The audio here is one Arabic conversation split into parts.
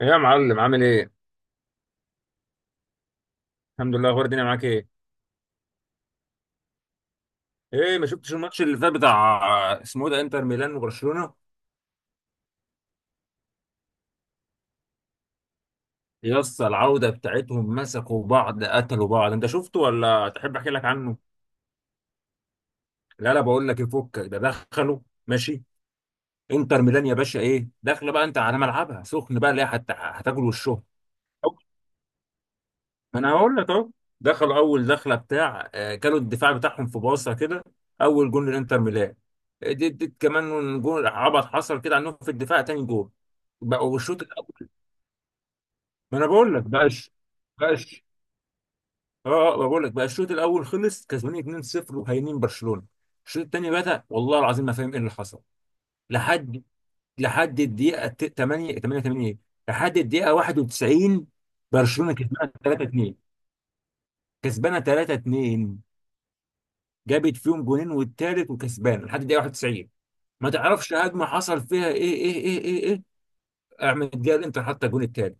إيه يا معلم عامل ايه؟ الحمد لله. اخبار الدنيا معاك ايه؟ ايه، ما شفتش الماتش اللي فات بتاع اسمه إيه ده، انتر ميلان وبرشلونة؟ يا اسطى العودة بتاعتهم مسكوا بعض، قتلوا بعض، انت شفته ولا تحب احكي لك عنه؟ لا بقول لك، يفك ده دخلوا. ماشي. انتر ميلان يا باشا ايه؟ داخله بقى انت على ملعبها سخن بقى، اللي هي هتاكل وشهم. ما انا هقول لك اهو. دخلوا اول دخله بتاع، كانوا الدفاع بتاعهم في باصه كده. اول جون للانتر ميلان. دي كمان جون عبط حصل كده عنهم في الدفاع، تاني جون. بقى الشوط الاول. ما انا بقول لك، بقاش. بقول لك بقى الشوط الاول خلص كسبانين 2-0 وهينين برشلونه. الشوط الثاني بدا، والله العظيم ما فاهم ايه اللي حصل. لحد، لحد الدقيقه 8 88، لحد الدقيقه 91. برشلونه كسبانه 3-2، كسبانه 3-2. جابت فيهم جونين والتالت وكسبان لحد دقيقه 91. ما تعرفش هجمه حصل فيها ايه ايه ايه ايه ايه. احمد جال انت حتى الجون التالت.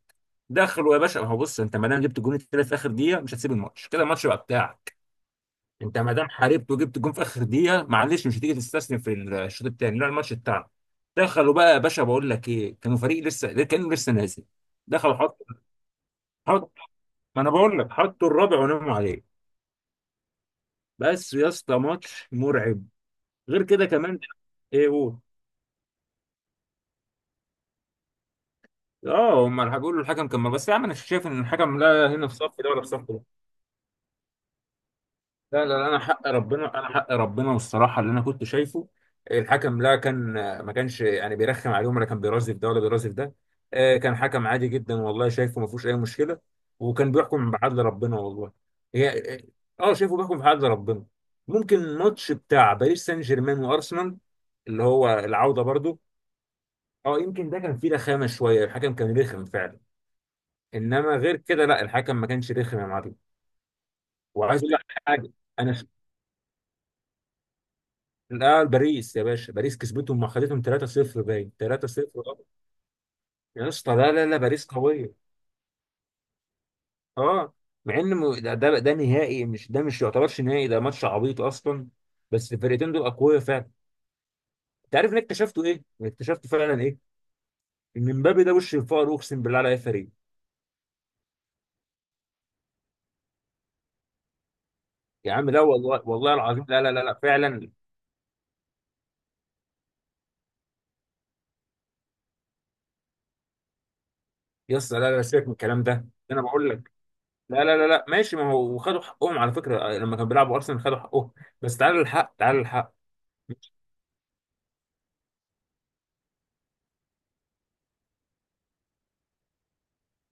دخلوا يا باشا، ما هو بص، انت ما دام جبت الجون التالت في اخر دقيقه مش هتسيب الماتش كده، الماتش بقى بتاعك. انت ما دام حاربت وجبت الجون في اخر دقيقه، معلش، مش هتيجي تستسلم في الشوط الثاني، لا الماتش بتاعك. دخلوا بقى يا باشا. بقول لك ايه، كانوا فريق لسه، كانوا لسه نازل. دخلوا حط، حط. ما انا بقول لك حطوا الرابع وناموا عليه. بس يا اسطى، ماتش مرعب. غير كده كمان. ايه، قول. اه، هم الحاج بيقولوا الحكم كان، بس يا عم انا شايف ان الحكم لا هنا في صف ده ولا في صف ده. لا لا لا، انا حق ربنا، انا حق ربنا، والصراحه اللي انا كنت شايفه، الحكم لا كان ما كانش يعني بيرخم عليهم ولا كان بيرازف ده ولا بيرازف ده. كان حكم عادي جدا والله، شايفه ما فيهوش اي مشكله. وكان بيحكم بعدل ربنا والله. هي، شايفه بيحكم بعدل ربنا. ممكن الماتش بتاع باريس سان جيرمان وارسنال، اللي هو العوده برضو، اه يمكن ده كان فيه رخامه شويه، الحكم كان رخم فعلا. انما غير كده لا، الحكم ما كانش رخم يا معلم. وعايز اقول لك حاجه، انا ش- لا باريس يا باشا، باريس كسبتهم، ما خدتهم 3-0، باين 3-0 اه. يا اسطى لا لا لا، باريس قويه اه. مع ان ده نهائي، مش ده، مش يعتبرش نهائي، ده ماتش عبيط اصلا. بس الفرقتين دول اقوياء فعلا. انت عارف ان اكتشفته ايه؟ اكتشفت فعلا ايه؟ ان مبابي ده وش الفقر، اقسم بالله على اي فريق. يا عم لا، والله والله العظيم لا لا لا لا، فعلا. يا اسطى لا لا، سيبك من الكلام ده، انا بقول لك. لا لا لا لا ماشي، ما هو وخدوا حقهم على فكرة، لما كانوا بيلعبوا أرسنال خدوا حقهم. بس تعالى للحق، تعالى للحق.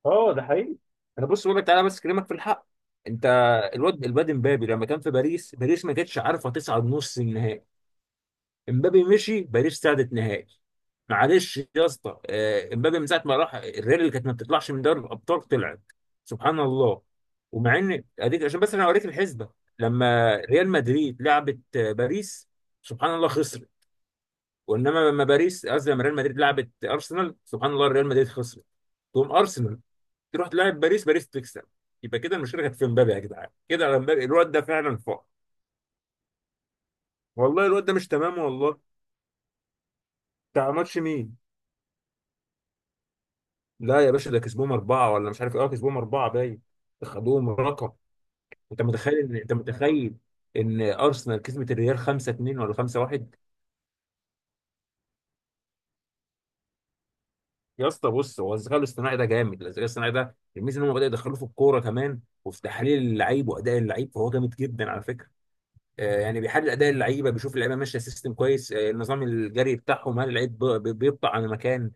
اه ده حقيقي. أنا بص بقول لك، تعالى بس أكلمك في الحق. أنت، الواد امبابي لما كان في باريس، باريس ما كانتش عارفة تصعد نص النهائي. امبابي مشي، باريس صعدت نهائي. معلش يا اسطى، امبابي من ساعة ما راح الريال، اللي كانت ما بتطلعش من دوري الأبطال طلعت. سبحان الله. ومع إن أديك، عشان بس أنا أوريك الحسبة. لما ريال مدريد لعبت باريس، سبحان الله خسر. وانما لما باريس، قصدي لما ريال مدريد لعبت ارسنال، سبحان الله ريال مدريد خسرت. تقوم ارسنال تروح تلعب باريس، باريس تكسب. يبقى كده المشكله كانت في مبابي، يا جدعان كده على مبابي الواد ده فعلا فوق. والله الواد ده مش تمام والله. بتاع ماتش مين؟ لا يا باشا ده كسبوهم اربعه، ولا مش عارف ايه، كسبوهم اربعه باين. خدوهم رقم. انت متخيل، ان انت متخيل ان ارسنال كسبت الريال 5 2 ولا 5 1؟ يا اسطى بص، هو الذكاء الاصطناعي ده جامد. الذكاء الاصطناعي ده الميزه ان هم بدأوا يدخلوه في الكوره كمان، وفي تحليل اللعيب واداء اللعيب، فهو جامد جدا على فكره. يعني بيحلل اداء اللعيبه، بيشوف اللعيبه ماشيه سيستم كويس، النظام الجري بتاعهم، هل اللعيب بيبطأ عن مكان.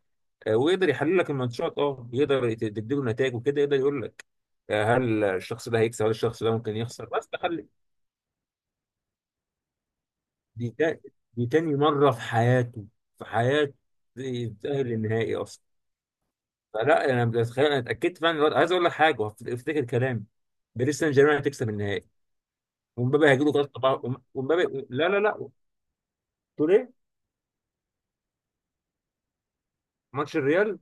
ويقدر يحلل لك الماتشات، اه يقدر تديله نتائج وكده، يقدر يقول لك، هل الشخص ده هيكسب، هل الشخص ده ممكن يخسر بس تخلي. دي تا- دي تاني مره في حياته، في حياته يتأهل للنهائي اصلا. فلا انا بتخيل، انا اتاكدت فعلا دلوقتي. عايز اقول لك حاجه، افتكر كلامي، باريس سان جيرمان هتكسب النهائي. ومبابي هيجيله كارت طبعا. ومبابي لا. تقول ايه؟ ماتش الريال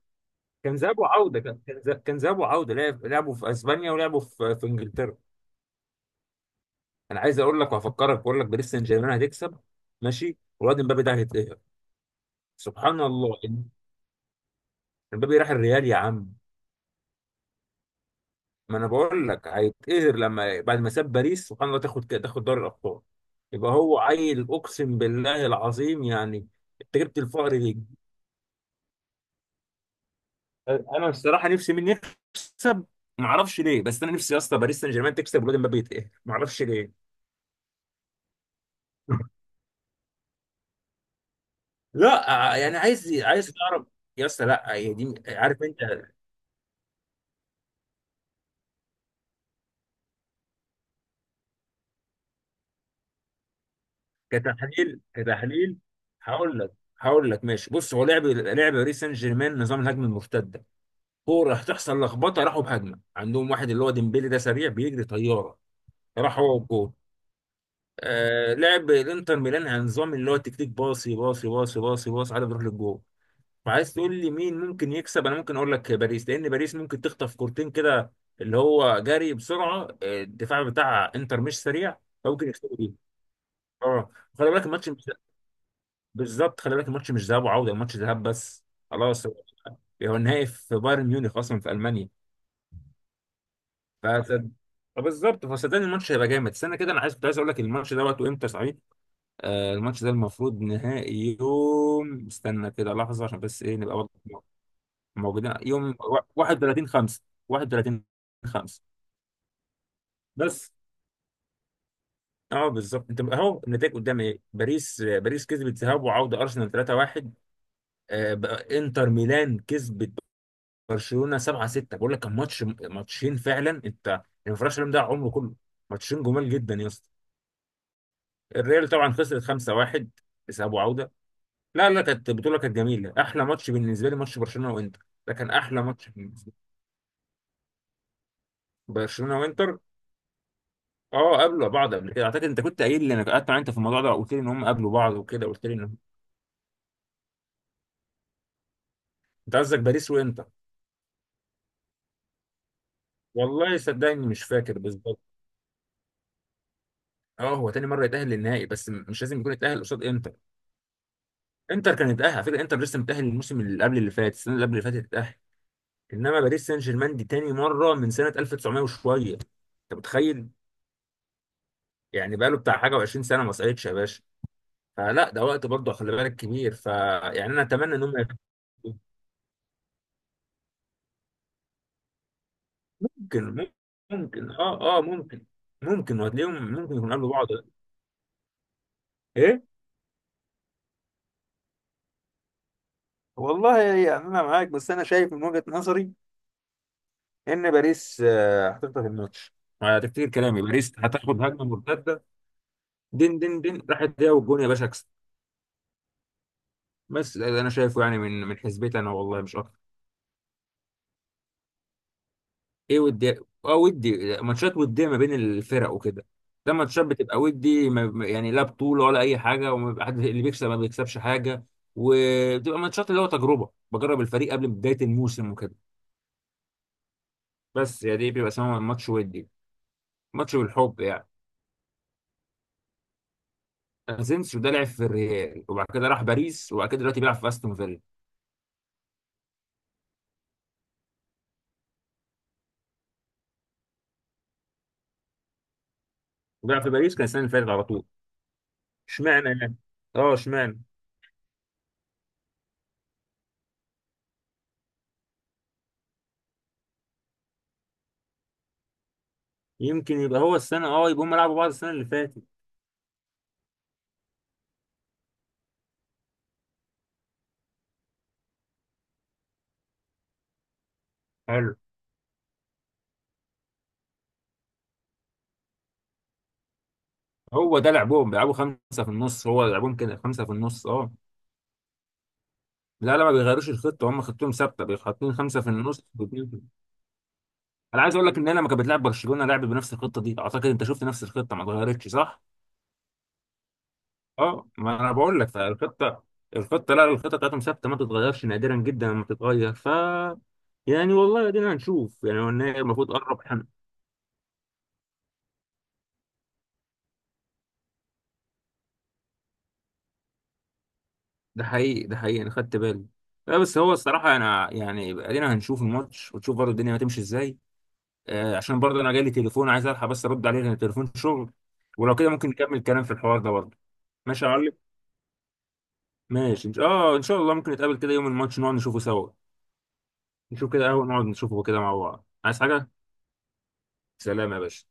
كان ذهاب وعودة، كان ذهاب وعودة، لعبوا في اسبانيا ولعبوا في انجلترا. انا عايز اقول لك وهفكرك، بقول لك باريس سان جيرمان هتكسب. ماشي. والواد امبابي ده هيتقهر. سبحان الله. امبابي راح الريال يا عم. ما انا بقول لك هيتقهر لما بعد ما ساب باريس، سبحان الله، تاخد دوري الابطال. يبقى هو عيل، اقسم بالله العظيم يعني. انت جبت الفقر ليه؟ انا الصراحه نفسي مين يكسب. ما اعرفش ليه، بس انا نفسي يا اسطى باريس سان جيرمان تكسب والواد امبابي يتقهر، ما اعرفش ليه. لا، يعني عايز تعرف. يا اسطى، لا هي دي عارف انت. كتحليل، كتحليل. هقول لك، هقول لك ماشي. بص، هو لعب، باريس سان جيرمان نظام الهجمه المرتده. كوره هتحصل لخبطه، راحوا بهجمه عندهم واحد اللي هو ديمبلي ده، سريع بيجري طياره، راح هو والجول. آه، لعب الانتر ميلان على نظام اللي هو تكتيك باصي باصي باصي باصي باصي، على بيروح للجول. وعايز تقول لي مين ممكن يكسب؟ انا ممكن اقول لك باريس، لان باريس ممكن تخطف كورتين كده، اللي هو جري بسرعه، الدفاع بتاع انتر مش سريع، فممكن يكسبوا دي اه. خلي بالك الماتش مش بالظبط خلي بالك الماتش مش ذهاب وعوده، الماتش ذهاب بس. خلاص، هو، هو النهائي في بايرن ميونخ اصلا، في المانيا. فصد... بالظبط، فصدقني الماتش هيبقى جامد. استنى كده، انا عايز، كنت عايز اقول لك الماتش ده وقته امتى صحيح. آه، الماتش ده المفروض نهائي يوم، استنى كده لحظه عشان بس ايه، نبقى واضح. موجودين يوم 31 5، 31 5 بس. اه بالظبط، انت اهو النتائج قدامي ايه. باريس، باريس كسبت ذهاب وعوده ارسنال 3-1، بقى انتر ميلان كسبت برشلونه 7-6. بقول لك كان ماتش، ماتشين فعلا انت، الانفراش ده عمره كله. ماتشين جمال جدا يا اسطى. الريال طبعا خسرت 5-1 ذهاب وعوده. لا لا، كانت بطوله كانت جميله. احلى ماتش بالنسبه لي ماتش برشلونه وانتر ده، كان احلى ماتش بالنسبة لي، برشلونه وانتر. اه قابلوا بعض قبل كده اعتقد، انت كنت قايل لي، انا قعدت معاك انت في الموضوع ده، قلت لي ان هم قابلوا بعض وكده، قلت لي ان، انت قصدك باريس وانت. والله صدقني مش فاكر بالظبط. اه هو تاني مره يتاهل للنهائي، بس مش لازم يكون يتاهل قصاد انتر. انتر كان يتاهل على فكره، انتر لسه متاهل الموسم اللي قبل اللي فات، السنه اللي قبل اللي فاتت اتاهل. انما باريس سان جيرمان دي تاني مره من سنه 1900 وشويه، انت متخيل؟ يعني بقاله بتاع حاجه و20 سنه ما صعدش يا باشا. فلا ده وقت برضه خلي بالك كبير، فيعني انا اتمنى ان هم. ممكن، ممكن اه اه، ممكن، ممكن وهتلاقيهم ممكن يكونوا قابلوا بعض. ايه، والله يعني انا معاك، بس انا شايف من وجهة نظري ان باريس، هتفضل في الماتش. هتفتكر كلامي، باريس هتاخد هجمه مرتده، دين دين دين راحت هي والجون يا باشا اكسب. بس ده انا شايفه، يعني من حسبتي انا، والله مش اكتر. ايه ودي؟ اه، ودي ماتشات وديه ما بين الفرق وكده. ده ماتشات بتبقى ودي، يعني لا بطوله ولا اي حاجه، وما بيبقى حد اللي بيكسب ما بيكسبش حاجه. وبتبقى ماتشات اللي هو تجربه، بجرب الفريق قبل بدايه الموسم وكده. بس يعني دي بيبقى اسمها ماتش ودي. ماتش بالحب يعني. اسينسيو ده لعب في الريال، وبعد كده راح باريس، وبعد كده دلوقتي بيلعب في استون فيلا. وبيلعب في باريس كان السنه اللي فاتت على طول. اشمعنى يعني. اه، اشمعنى. يمكن يبقى هو السنه، اه يبقى هم لعبوا بعض السنه اللي فاتت. حلو. هو ده لعبهم، بيلعبوا خمسة في النص، هو لعبهم كده خمسة في النص اه. لا لا، ما بيغيروش الخطة، هم خطتهم ثابتة، بيحطين خمسة في النص واتنين في. أنا عايز أقول لك، إن أنا لما كانت بتلعب برشلونة لعبت بنفس الخطة دي، أعتقد أنت شفت نفس الخطة ما اتغيرتش صح؟ اه، ما أنا بقول لك، فالخطة، الخطة لا، الخطة بتاعتهم ثابتة ما بتتغيرش، نادرا جدا لما بتتغير ف. يعني والله أدينا هنشوف، يعني هو النهائي المفروض قرب حن. ده حقيقي، أنا خدت بالي. لا بس هو الصراحة أنا يعني أدينا هنشوف الماتش، وتشوف برضه الدنيا هتمشي إزاي. عشان برضه انا جالي تليفون، عايز الحق بس ارد عليه لان تليفون شغل. ولو كده ممكن نكمل كلام في الحوار ده برضه. ماشي يا معلم. اه ان شاء الله ممكن نتقابل كده يوم الماتش نقعد نشوفه سوا. نشوف كده قهوة، نقعد نشوفه كده مع بعض، عايز حاجة. سلام يا باشا.